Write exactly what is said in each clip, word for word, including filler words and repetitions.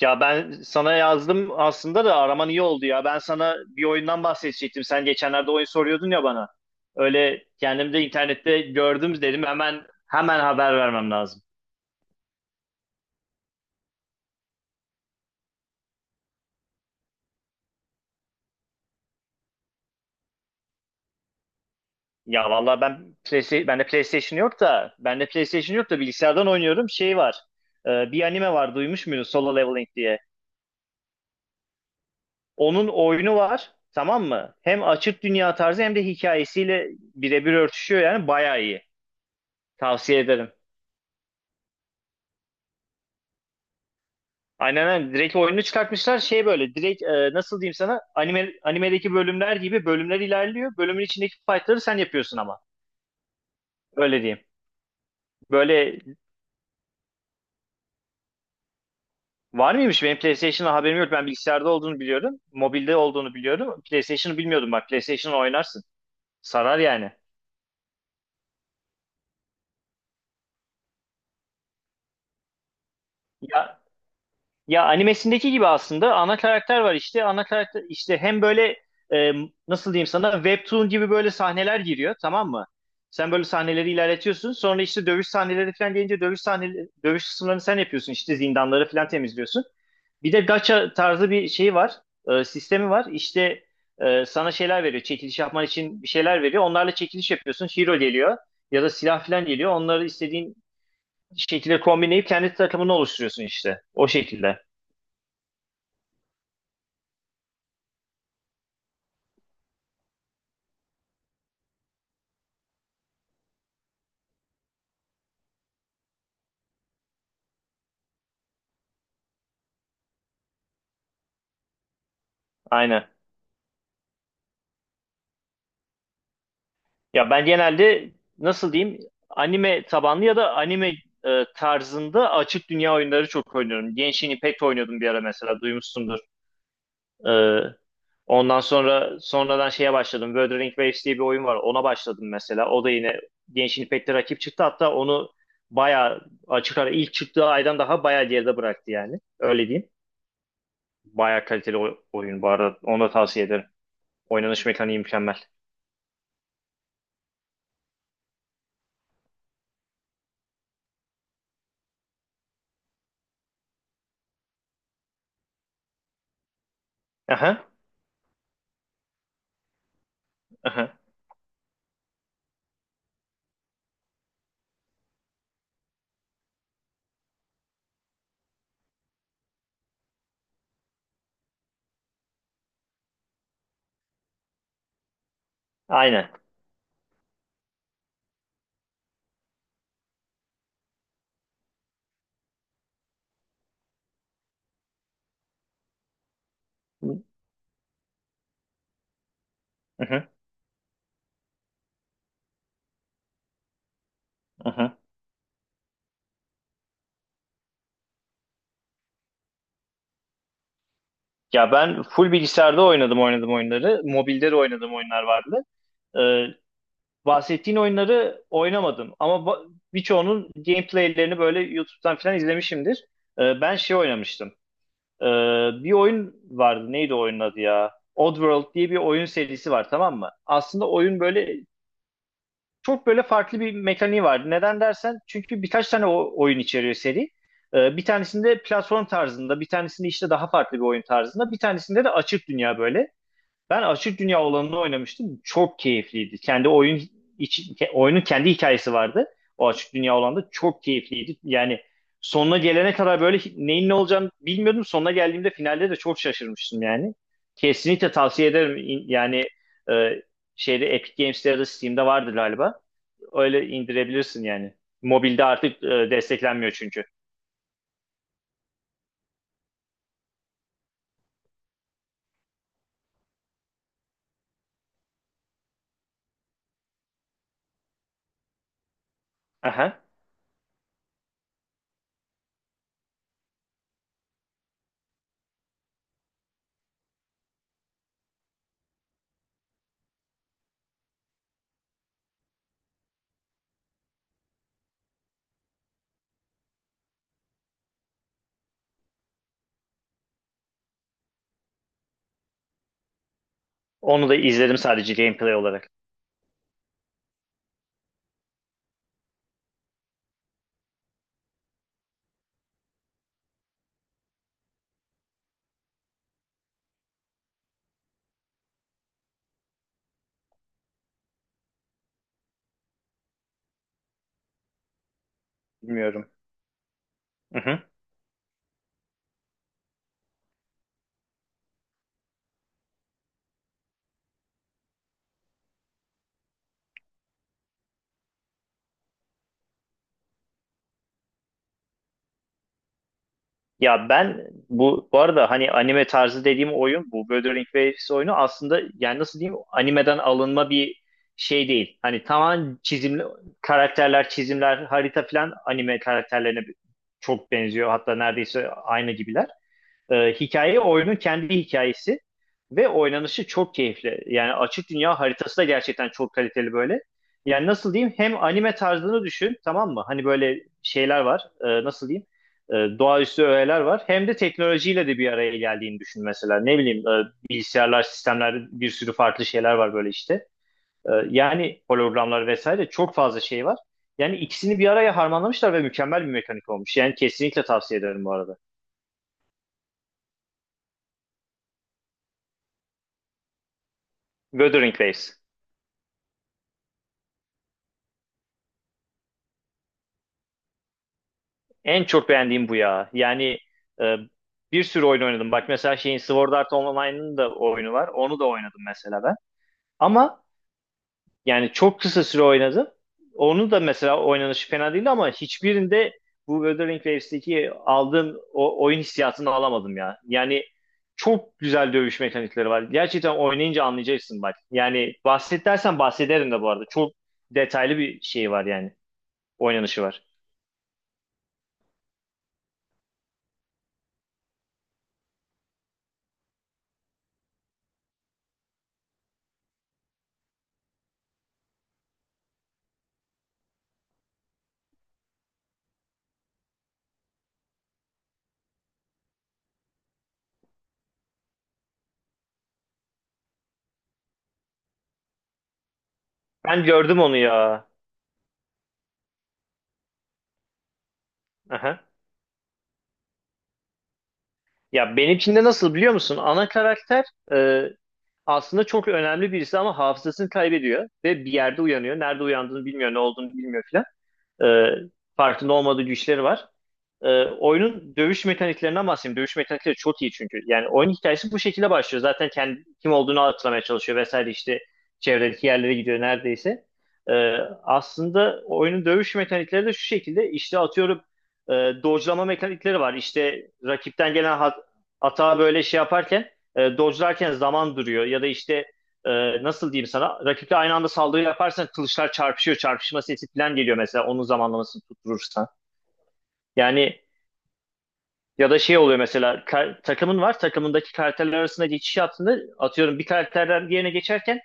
Ya ben sana yazdım aslında da araman iyi oldu ya. Ben sana bir oyundan bahsedecektim. Sen geçenlerde oyun soruyordun ya bana. Öyle kendim de internette gördüm dedim hemen hemen haber vermem lazım. Ya vallahi ben PlayStation, bende PlayStation yok da bende PlayStation yok da bilgisayardan oynuyorum. Şey var. E, bir anime var duymuş muydun? Solo Leveling diye. Onun oyunu var. Tamam mı? Hem açık dünya tarzı hem de hikayesiyle birebir örtüşüyor yani bayağı iyi. Tavsiye ederim. Aynen aynen. Direkt oyunu çıkartmışlar. Şey böyle direkt e, nasıl diyeyim sana anime, animedeki bölümler gibi bölümler ilerliyor. Bölümün içindeki fightları sen yapıyorsun ama. Öyle diyeyim. Böyle var mıymış? Benim PlayStation'da haberim yok. Ben bilgisayarda olduğunu biliyorum. Mobilde olduğunu biliyorum. PlayStation'ı bilmiyordum bak. PlayStation'ı oynarsın. Sarar yani. Ya, Ya animesindeki gibi aslında ana karakter var işte. Ana karakter işte hem böyle e, nasıl diyeyim sana webtoon gibi böyle sahneler giriyor tamam mı? Sen böyle sahneleri ilerletiyorsun. Sonra işte dövüş sahneleri falan gelince dövüş sahneleri, dövüş kısımlarını sen yapıyorsun. İşte zindanları falan temizliyorsun. Bir de gacha tarzı bir şey var. E, sistemi var. İşte e, sana şeyler veriyor. Çekiliş yapman için bir şeyler veriyor. Onlarla çekiliş yapıyorsun. Hero geliyor ya da silah falan geliyor. Onları istediğin şekilde kombinleyip kendi takımını oluşturuyorsun işte. O şekilde. Aynen. Ya ben genelde nasıl diyeyim anime tabanlı ya da anime e, tarzında açık dünya oyunları çok oynuyorum. Genshin Impact oynuyordum bir ara mesela duymuşsundur. E, Ondan sonra sonradan şeye başladım. Wuthering Waves diye bir oyun var. Ona başladım mesela. O da yine Genshin Impact'te rakip çıktı. Hatta onu bayağı açık ara ilk çıktığı aydan daha bayağı geride bıraktı yani. Öyle diyeyim. Bayağı kaliteli o- oyun bu arada. Onu da tavsiye ederim. Oynanış mekaniği mükemmel. Aha, aha. Aynen. Hı hı, hı. Ya ben full bilgisayarda oynadım oynadım oyunları. Mobilde de oynadım oyunlar vardı. Ee, Bahsettiğin oyunları oynamadım. Ama ba- birçoğunun gameplaylerini böyle YouTube'dan falan izlemişimdir. Ee, ben şey oynamıştım. Ee, Bir oyun vardı. Neydi oyunun adı ya? Oddworld diye bir oyun serisi var tamam mı? Aslında oyun böyle çok böyle farklı bir mekaniği vardı. Neden dersen çünkü birkaç tane o- oyun içeriyor seri. Ee, bir tanesinde platform tarzında, bir tanesinde işte daha farklı bir oyun tarzında, bir tanesinde de açık dünya böyle. Ben Açık Dünya olanını oynamıştım. Çok keyifliydi. Kendi oyun içi- ke- oyunun kendi hikayesi vardı. O Açık Dünya olanda çok keyifliydi. Yani sonuna gelene kadar böyle hi- neyin ne olacağını bilmiyordum. Sonuna geldiğimde finalde de çok şaşırmıştım yani. Kesinlikle tavsiye ederim. İn- Yani e, şeyde Epic Games'te ya da Steam'de vardır galiba. Öyle indirebilirsin yani. Mobilde artık e, desteklenmiyor çünkü. Aha. Onu da izledim sadece gameplay olarak. Bilmiyorum. Hı hı. Ya ben bu bu arada hani anime tarzı dediğim oyun bu Wuthering Waves oyunu aslında yani nasıl diyeyim animeden alınma bir şey değil. Hani tamamen çizimli karakterler, çizimler, harita falan anime karakterlerine çok benziyor. Hatta neredeyse aynı gibiler. Ee, hikaye oyunun kendi hikayesi ve oynanışı çok keyifli. Yani açık dünya haritası da gerçekten çok kaliteli böyle. Yani nasıl diyeyim hem anime tarzını düşün tamam mı? Hani böyle şeyler var e, nasıl diyeyim e, doğaüstü öğeler var. Hem de teknolojiyle de bir araya geldiğini düşün mesela. Ne bileyim e, bilgisayarlar, sistemler bir sürü farklı şeyler var böyle işte. E, yani hologramlar vesaire çok fazla şey var. Yani ikisini bir araya harmanlamışlar ve mükemmel bir mekanik olmuş. Yani kesinlikle tavsiye ederim bu arada. Wuthering Waves. En çok beğendiğim bu ya. Yani e, bir sürü oyun oynadım. Bak mesela şeyin Sword Art Online'ın da oyunu var. Onu da oynadım mesela ben. Ama yani çok kısa süre oynadım. Onu da mesela oynanışı fena değildi ama hiçbirinde bu Wuthering Waves'teki aldığım o oyun hissiyatını alamadım ya. Yani çok güzel dövüş mekanikleri var. Gerçekten oynayınca anlayacaksın bak. Yani bahset dersen bahsederim de bu arada. Çok detaylı bir şey var yani. Oynanışı var. Ben gördüm onu ya. Ya benim için de nasıl biliyor musun? Ana karakter e, aslında çok önemli birisi ama hafızasını kaybediyor ve bir yerde uyanıyor. Nerede uyandığını bilmiyor, ne olduğunu bilmiyor filan. E, Farkında olmadığı güçleri var. Ee, oyunun dövüş mekaniklerinden bahsedeyim. Dövüş mekanikleri çok iyi çünkü. Yani oyun hikayesi bu şekilde başlıyor. Zaten kendi kim olduğunu hatırlamaya çalışıyor vesaire işte çevredeki yerlere gidiyor neredeyse. Ee, Aslında oyunun dövüş mekanikleri de şu şekilde işte atıyorum e, dodge'lama mekanikleri var. İşte rakipten gelen hat hata böyle şey yaparken e, dodge'larken zaman duruyor ya da işte e, nasıl diyeyim sana rakiple aynı anda saldırı yaparsan kılıçlar çarpışıyor. Çarpışma sesi falan geliyor mesela onun zamanlamasını tutturursan. Yani ya da şey oluyor mesela kar- takımın var takımındaki karakterler arasında geçiş yaptığında atıyorum bir karakterden diğerine geçerken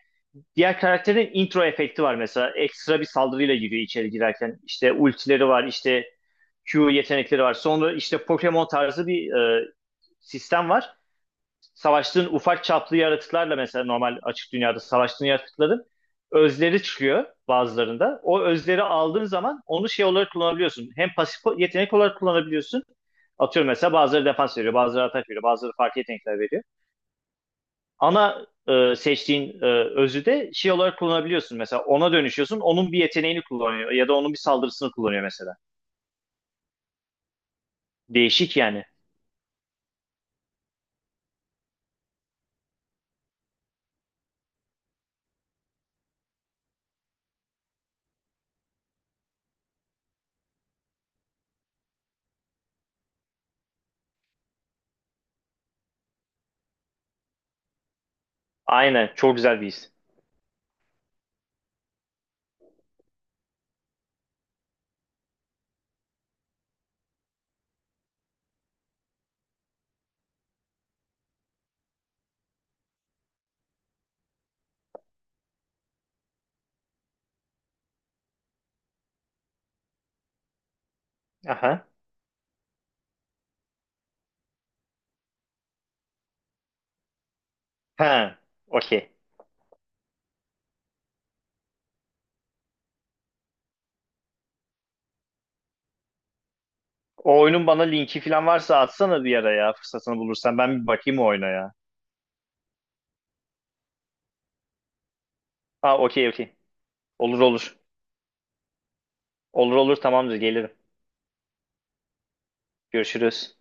diğer karakterin intro efekti var mesela ekstra bir saldırıyla giriyor içeri girerken işte ultileri var işte kü yetenekleri var sonra işte Pokemon tarzı bir e, sistem var savaştığın ufak çaplı yaratıklarla mesela normal açık dünyada savaştığın yaratıkların özleri çıkıyor bazılarında. O özleri aldığın zaman onu şey olarak kullanabiliyorsun. Hem pasif yetenek olarak kullanabiliyorsun. Atıyorum mesela bazıları defans veriyor, bazıları atak veriyor, bazıları farklı yetenekler veriyor. Ana e, seçtiğin e, özü de şey olarak kullanabiliyorsun. Mesela ona dönüşüyorsun, onun bir yeteneğini kullanıyor ya da onun bir saldırısını kullanıyor mesela. Değişik yani. Aynen, çok güzel bir his. Aha. Ha, okey. O oyunun bana linki falan varsa atsana bir ara ya fırsatını bulursan. Ben bir bakayım o oyuna ya. Ha okey okey. Olur olur. Olur olur tamamdır gelirim. Görüşürüz.